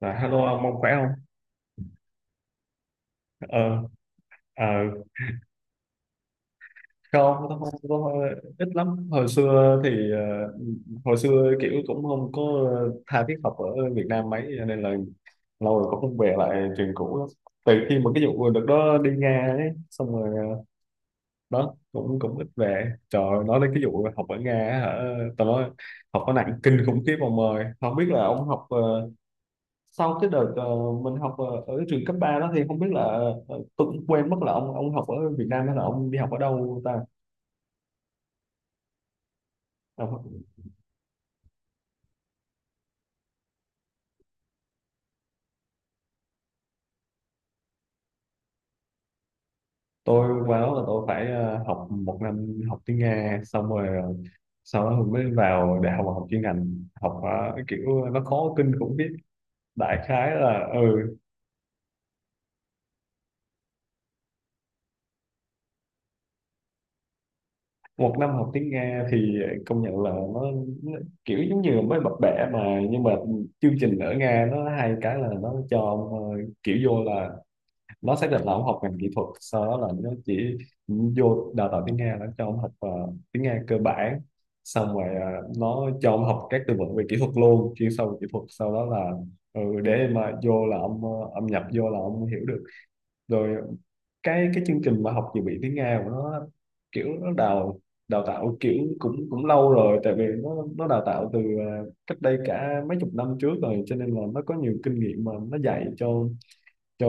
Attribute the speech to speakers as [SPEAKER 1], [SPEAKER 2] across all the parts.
[SPEAKER 1] Dạ, hello ông khỏe không? Ờ, à, không, tôi không có ít lắm. Hồi xưa thì hồi xưa kiểu cũng không có tha thiết học ở Việt Nam mấy, cho nên là lâu rồi cũng không về lại trường cũ lắm. Từ khi mà cái vụ đợt đó đi Nga ấy, xong rồi đó cũng cũng ít về. Trời ơi, nói đến cái vụ học ở Nga á hả? Tao nói học nó nặng kinh khủng khiếp ông ơi. Không biết là ông học sau cái đợt mình học ở trường cấp 3 đó thì không biết là tôi cũng quên mất là ông học ở Việt Nam hay là ông đi học ở đâu ta. Học- tôi qua đó là tôi phải học 1 năm học tiếng Nga xong rồi sau đó mới vào đại học học chuyên ngành học kiểu nó khó kinh khủng biết, đại khái là ừ. Một năm học tiếng Nga thì công nhận là nó kiểu giống như mới bập bẹ mà nhưng mà chương trình ở Nga nó hay cái là nó cho ông, kiểu vô là nó xác định là ông học ngành kỹ thuật, sau đó là nó chỉ vô đào tạo tiếng Nga, nó cho ông học tiếng Nga cơ bản, xong rồi nó cho ông học các từ vựng về kỹ thuật luôn, chuyên sâu về kỹ thuật, sau đó là ừ, để mà vô là ông ông nhập vô là ông hiểu được. Rồi cái chương trình mà học dự bị tiếng Nga của nó kiểu nó đào đào tạo kiểu cũng cũng lâu rồi, tại vì nó đào tạo từ cách đây cả mấy chục năm trước rồi, cho nên là nó có nhiều kinh nghiệm mà nó dạy cho cho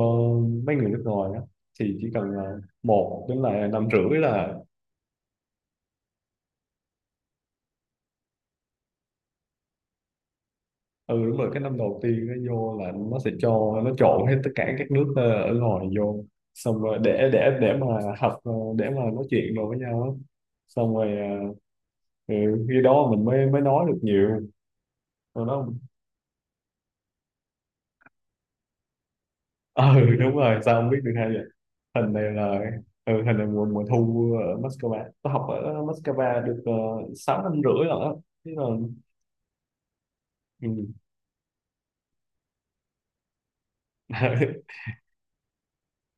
[SPEAKER 1] mấy người nước ngoài đó, thì chỉ cần là một đến là năm rưỡi là ừ đúng rồi. Cái năm đầu tiên nó vô là nó sẽ cho nó trộn hết tất cả các nước ở ngoài vô, xong rồi để mà học để mà nói chuyện rồi với nhau á. Xong rồi ờ, ừ, khi đó mình mới mới nói được nhiều rồi đó. Ừ, đúng rồi, sao không biết được hay vậy. Hình này là ừ, hình này mùa mùa thu ở Moscow, tôi học ở Moscow được 6 năm rưỡi rồi đó. Thế là ừ.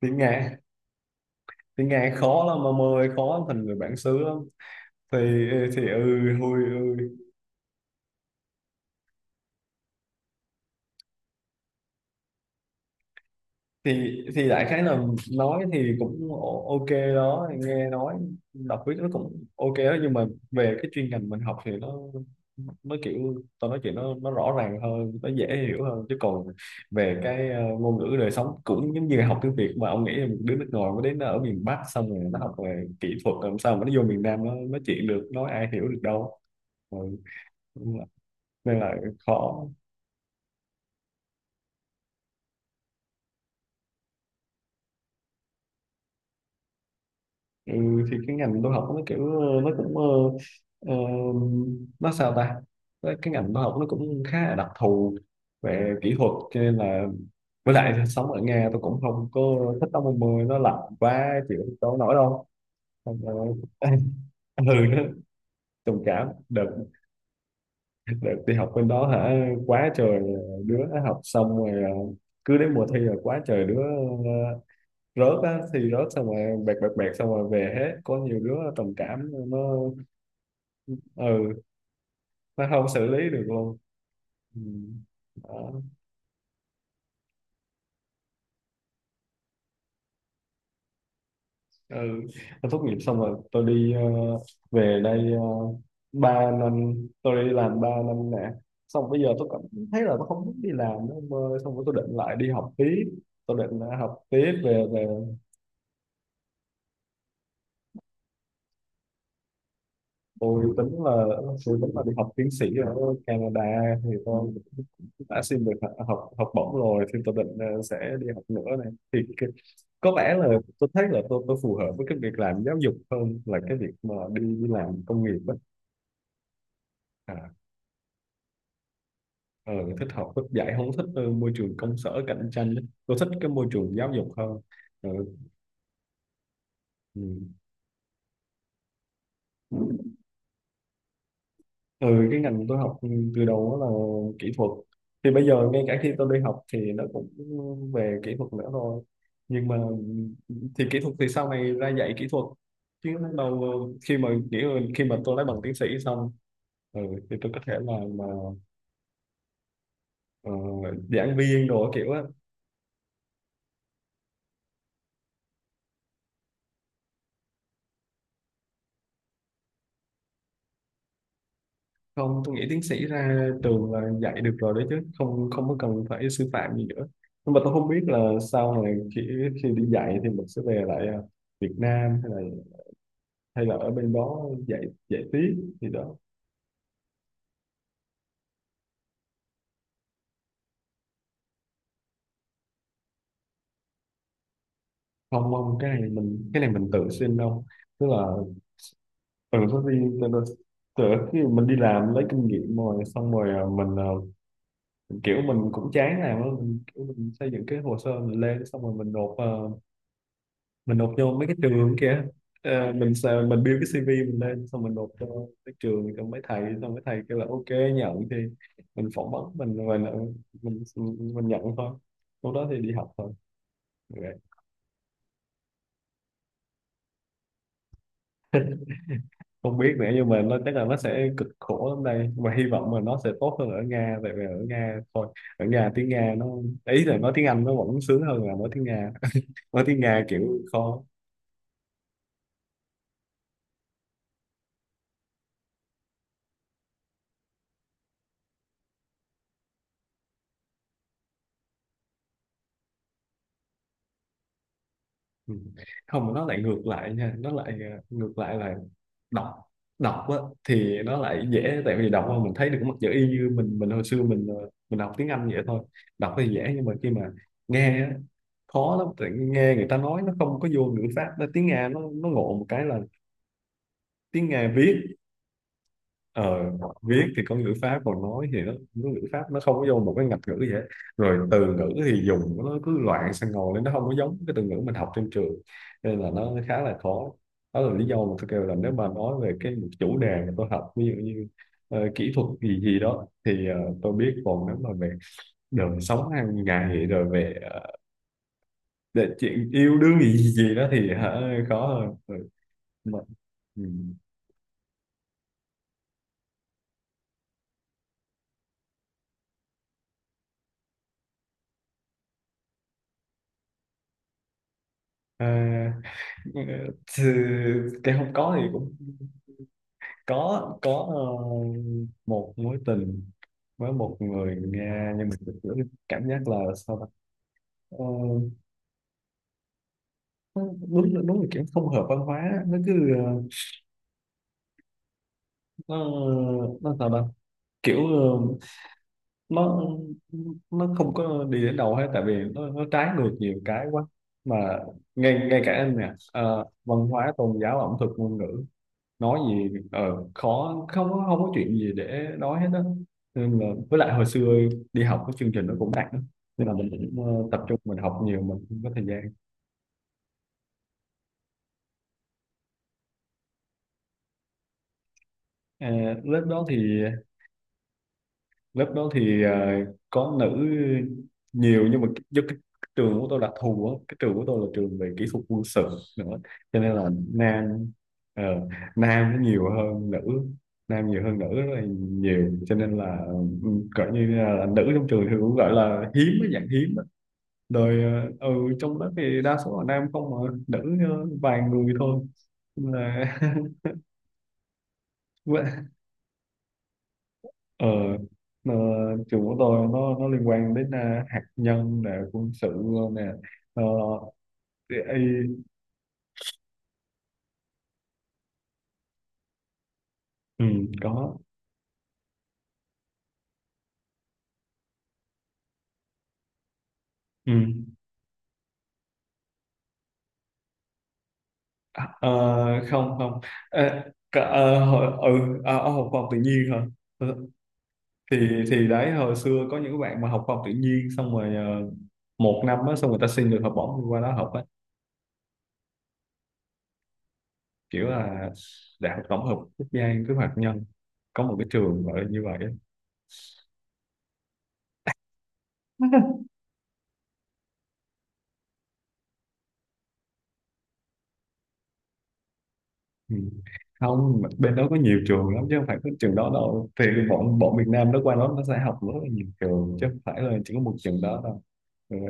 [SPEAKER 1] Tiếng Nga, tiếng Nga khó lắm ông ơi, khó thành người bản xứ lắm. Thì thì ừ hôi ừ, thì đại khái là nói thì cũng ok đó, nghe nói đọc viết nó cũng ok đó, nhưng mà về cái chuyên ngành mình học thì nó kiểu tao nói chuyện nó rõ ràng hơn, nó dễ hiểu hơn, chứ còn về cái ngôn ngữ đời sống cũng giống như học tiếng Việt mà ông nghĩ là một đứa nước ngoài mới đến nó ở miền Bắc xong rồi nó học về kỹ thuật, làm sao mà nó vô miền Nam nó nói chuyện được, nói ai hiểu được đâu. Ừ. Nên là khó. Ừ, thì cái ngành tôi học nó kiểu nó cũng ờ, nó sao ta, cái ngành tôi học nó cũng khá là đặc thù về kỹ thuật, cho nên là với lại sống ở Nga tôi cũng không có thích, tắm mùa mưa nó lạnh quá chịu đâu nổi đâu. Xong rồi- ừ, nó trầm cảm đợt, đợt đi học bên đó hả, quá trời đứa học xong rồi cứ đến mùa thi là quá trời đứa ờ, rớt á thì rớt, xong rồi bẹt bẹt bẹt, xong rồi về hết, có nhiều đứa trầm cảm nó ừ, nó không xử lý được luôn. Ừ. Đó. Ừ, tôi tốt nghiệp xong rồi tôi đi về đây 3 năm, tôi đi làm 3 năm nè, xong bây giờ tôi cảm thấy là tôi không muốn đi làm nữa ông ơi, xong rồi tôi định lại đi học tiếp, tôi định học tiếp về về tôi tính là, tôi tính là đi học tiến sĩ ở Canada, thì tôi đã xin được học học học bổng rồi, thì tôi định sẽ đi học nữa này thì có vẻ là tôi thấy là tôi phù hợp với cái việc làm giáo dục hơn là cái việc mà đi đi làm công nghiệp ấy. À, ờ, thích học thích dạy, không thích môi trường công sở cạnh tranh ấy, tôi thích cái môi trường giáo dục hơn. Ờ, ừ. Ừ, cái ngành tôi học từ đầu đó là kỹ thuật, thì bây giờ ngay cả khi tôi đi học thì nó cũng về kỹ thuật nữa rồi, nhưng mà thì kỹ thuật thì sau này ra dạy kỹ thuật, chứ lúc đầu khi mà nghĩ là khi mà tôi lấy bằng tiến sĩ xong ừ, thì tôi có thể là mà ờ, giảng viên đồ kiểu á. Không, tôi nghĩ tiến sĩ ra trường là dạy được rồi đấy, chứ không không có cần phải sư phạm gì nữa, nhưng mà tôi không biết là sau này khi khi đi dạy thì mình sẽ về lại Việt Nam hay là ở bên đó dạy, dạy tiếp thì đó. Không không, cái này mình, cái này mình tự xin đâu, tức là từ có đi từ, từ từ khi mình đi làm lấy kinh nghiệm rồi xong rồi à, mình à, kiểu mình cũng chán làm á, mình, kiểu mình xây dựng cái hồ sơ mình lên xong rồi mình nộp à, mình nộp vô mấy cái trường kia. Ờ, mình build cái CV mình lên xong mình nộp cho cái trường, cho mấy thầy, xong mấy thầy kêu là ok nhận thì mình phỏng vấn mình rồi mình mình nhận thôi, lúc đó thì đi học thôi. Không biết nữa, nhưng mà nó chắc là nó sẽ cực khổ lắm đây, mà hy vọng là nó sẽ tốt hơn ở Nga, tại vì ở Nga thôi, ở Nga tiếng Nga nó, ý là nói tiếng Anh nó vẫn sướng hơn là nói tiếng Nga, nói tiếng Nga kiểu khó. Ừ. Không, nó lại ngược lại nha, nó lại ngược lại là đọc đọc á, thì nó lại dễ tại vì đọc mà mình thấy được mặt chữ y như mình hồi xưa mình mình học tiếng Anh vậy thôi. Đọc thì dễ, nhưng mà khi mà nghe á, khó lắm, tại nghe người ta nói nó không có vô ngữ pháp. Nó tiếng Nga nó ngộ một cái là tiếng Nga viết ờ, viết thì có ngữ pháp, còn nói thì nó ngữ pháp nó không có vô một cái ngạch ngữ gì hết, rồi từ ngữ thì dùng nó cứ loạn sang ngồi lên, nó không có giống cái từ ngữ mình học trên trường, nên là nó khá là khó. Đó là lý do mà tôi kêu là nếu mà nói về cái chủ đề mà tôi học ví dụ như kỹ thuật gì gì đó thì tôi biết, còn nếu mà về đời sống hàng ngày rồi về để chuyện yêu đương gì gì gì đó thì hả, khó hơn. Ừ. Mà- ừ. À, ừ, thì cái không có thì cũng có một mối tình với một người Nga, nhưng mà thực cảm giác là sao ta. Ờ, nó đúng là kiểu không hợp văn hóa, nó cứ nó nó sao ta, kiểu nó nó không có đi đến đâu hết, tại vì nó trái ngược nhiều cái quá, mà ngay ngay cả anh nè văn hóa, tôn giáo, ẩm thực, ngôn ngữ, nói gì ờ khó, không có chuyện gì để nói hết đó. Nên là với lại hồi xưa đi học cái chương trình nó cũng nặng lắm, nên là mình cũng tập trung mình học nhiều, mình không có thời gian. À, lớp đó thì, lớp đó thì à, có nữ nhiều, nhưng mà do cái trường của tôi đặc thù á, cái trường của tôi là trường về kỹ thuật quân sự nữa, cho nên là nam ờ, nam nó nhiều hơn nữ, nam nhiều hơn nữ rất là nhiều, cho nên là ừ, gọi như là nữ trong trường thì cũng gọi là hiếm, cái dạng hiếm á. Rồi ờ, ừ, trong lớp thì đa số là nam không, mà nữ vài người thôi. Nên là ờ, ờ, trường của tôi nó liên quan đến à, hạt nhân nè, quân sự nè, ờ, AI. Ừ, có. Ừ. À, không không, à, cả, hồi, ở học khoa học tự nhiên hả. Ừ, thì thì đấy hồi xưa có những bạn mà học khoa học tự nhiên xong rồi 1 năm á, xong người ta xin được học bổng đi qua đó học á, kiểu là đại học tổng hợp quốc gia nghiên cứu hạt nhân, có một cái trường gọi là như vậy á. Ừ. Không, bên đó có nhiều trường lắm, chứ không phải có trường đó đâu, thì bọn bọn Việt Nam nó qua đó nó sẽ học rất là nhiều trường, chứ không phải là chỉ có một trường đó đâu. Ừ. Nhưng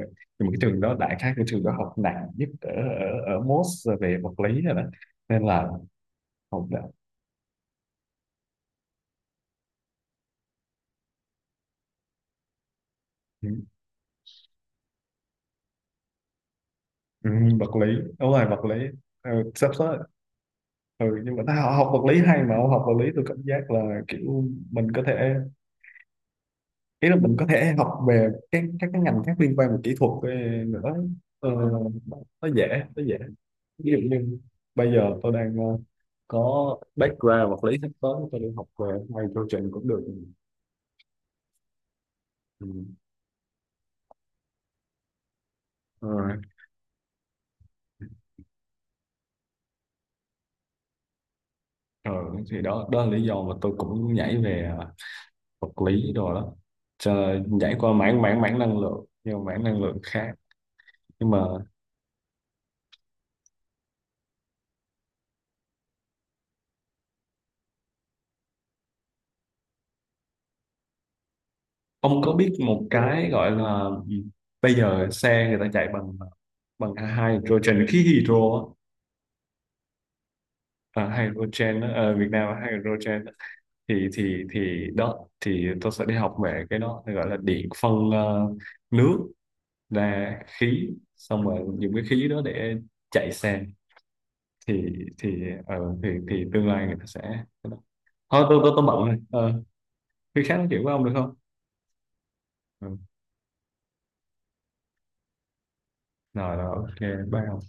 [SPEAKER 1] mà cái trường đó, đại khái cái trường đó học nặng nhất ở ở Moss về vật lý rồi đó, nên là học đã. Ừ, ừ, vật lý, đúng rồi, vật lý. Ừ, sắp tới ừ, nhưng mà tao học vật lý hay mà không học vật lý, tôi cảm giác là kiểu mình có thể, ý là mình có thể học về các cái ngành khác liên quan về kỹ thuật nữa. Ờ, nó dễ, nó dễ, ví dụ như bây giờ tôi đang có background vật lý, sắp tới tôi đi học về hai chương cũng được. Ừ. Ừ. Ừ, thì đó, đó là lý do mà tôi cũng nhảy về vật lý đồ đó. Chờ, nhảy qua mảng mảng mảng năng lượng, nhưng mảng năng lượng khác. Nhưng mà ông có biết một cái gọi là gì? Bây giờ xe người ta chạy bằng bằng hydrogen, khí hydro á. À, hydrogen á, Việt Nam là hydrogen. Thì thì đó, thì tôi sẽ đi học về cái đó gọi là điện phân nước ra khí, xong rồi dùng cái khí đó để chạy xe. Thì thì ờ, thì thì tương lai người ta sẽ, thôi tôi tôi bận rồi khi khác nói chuyện với ông được không. Ừ. Rồi rồi, ok, bye ông.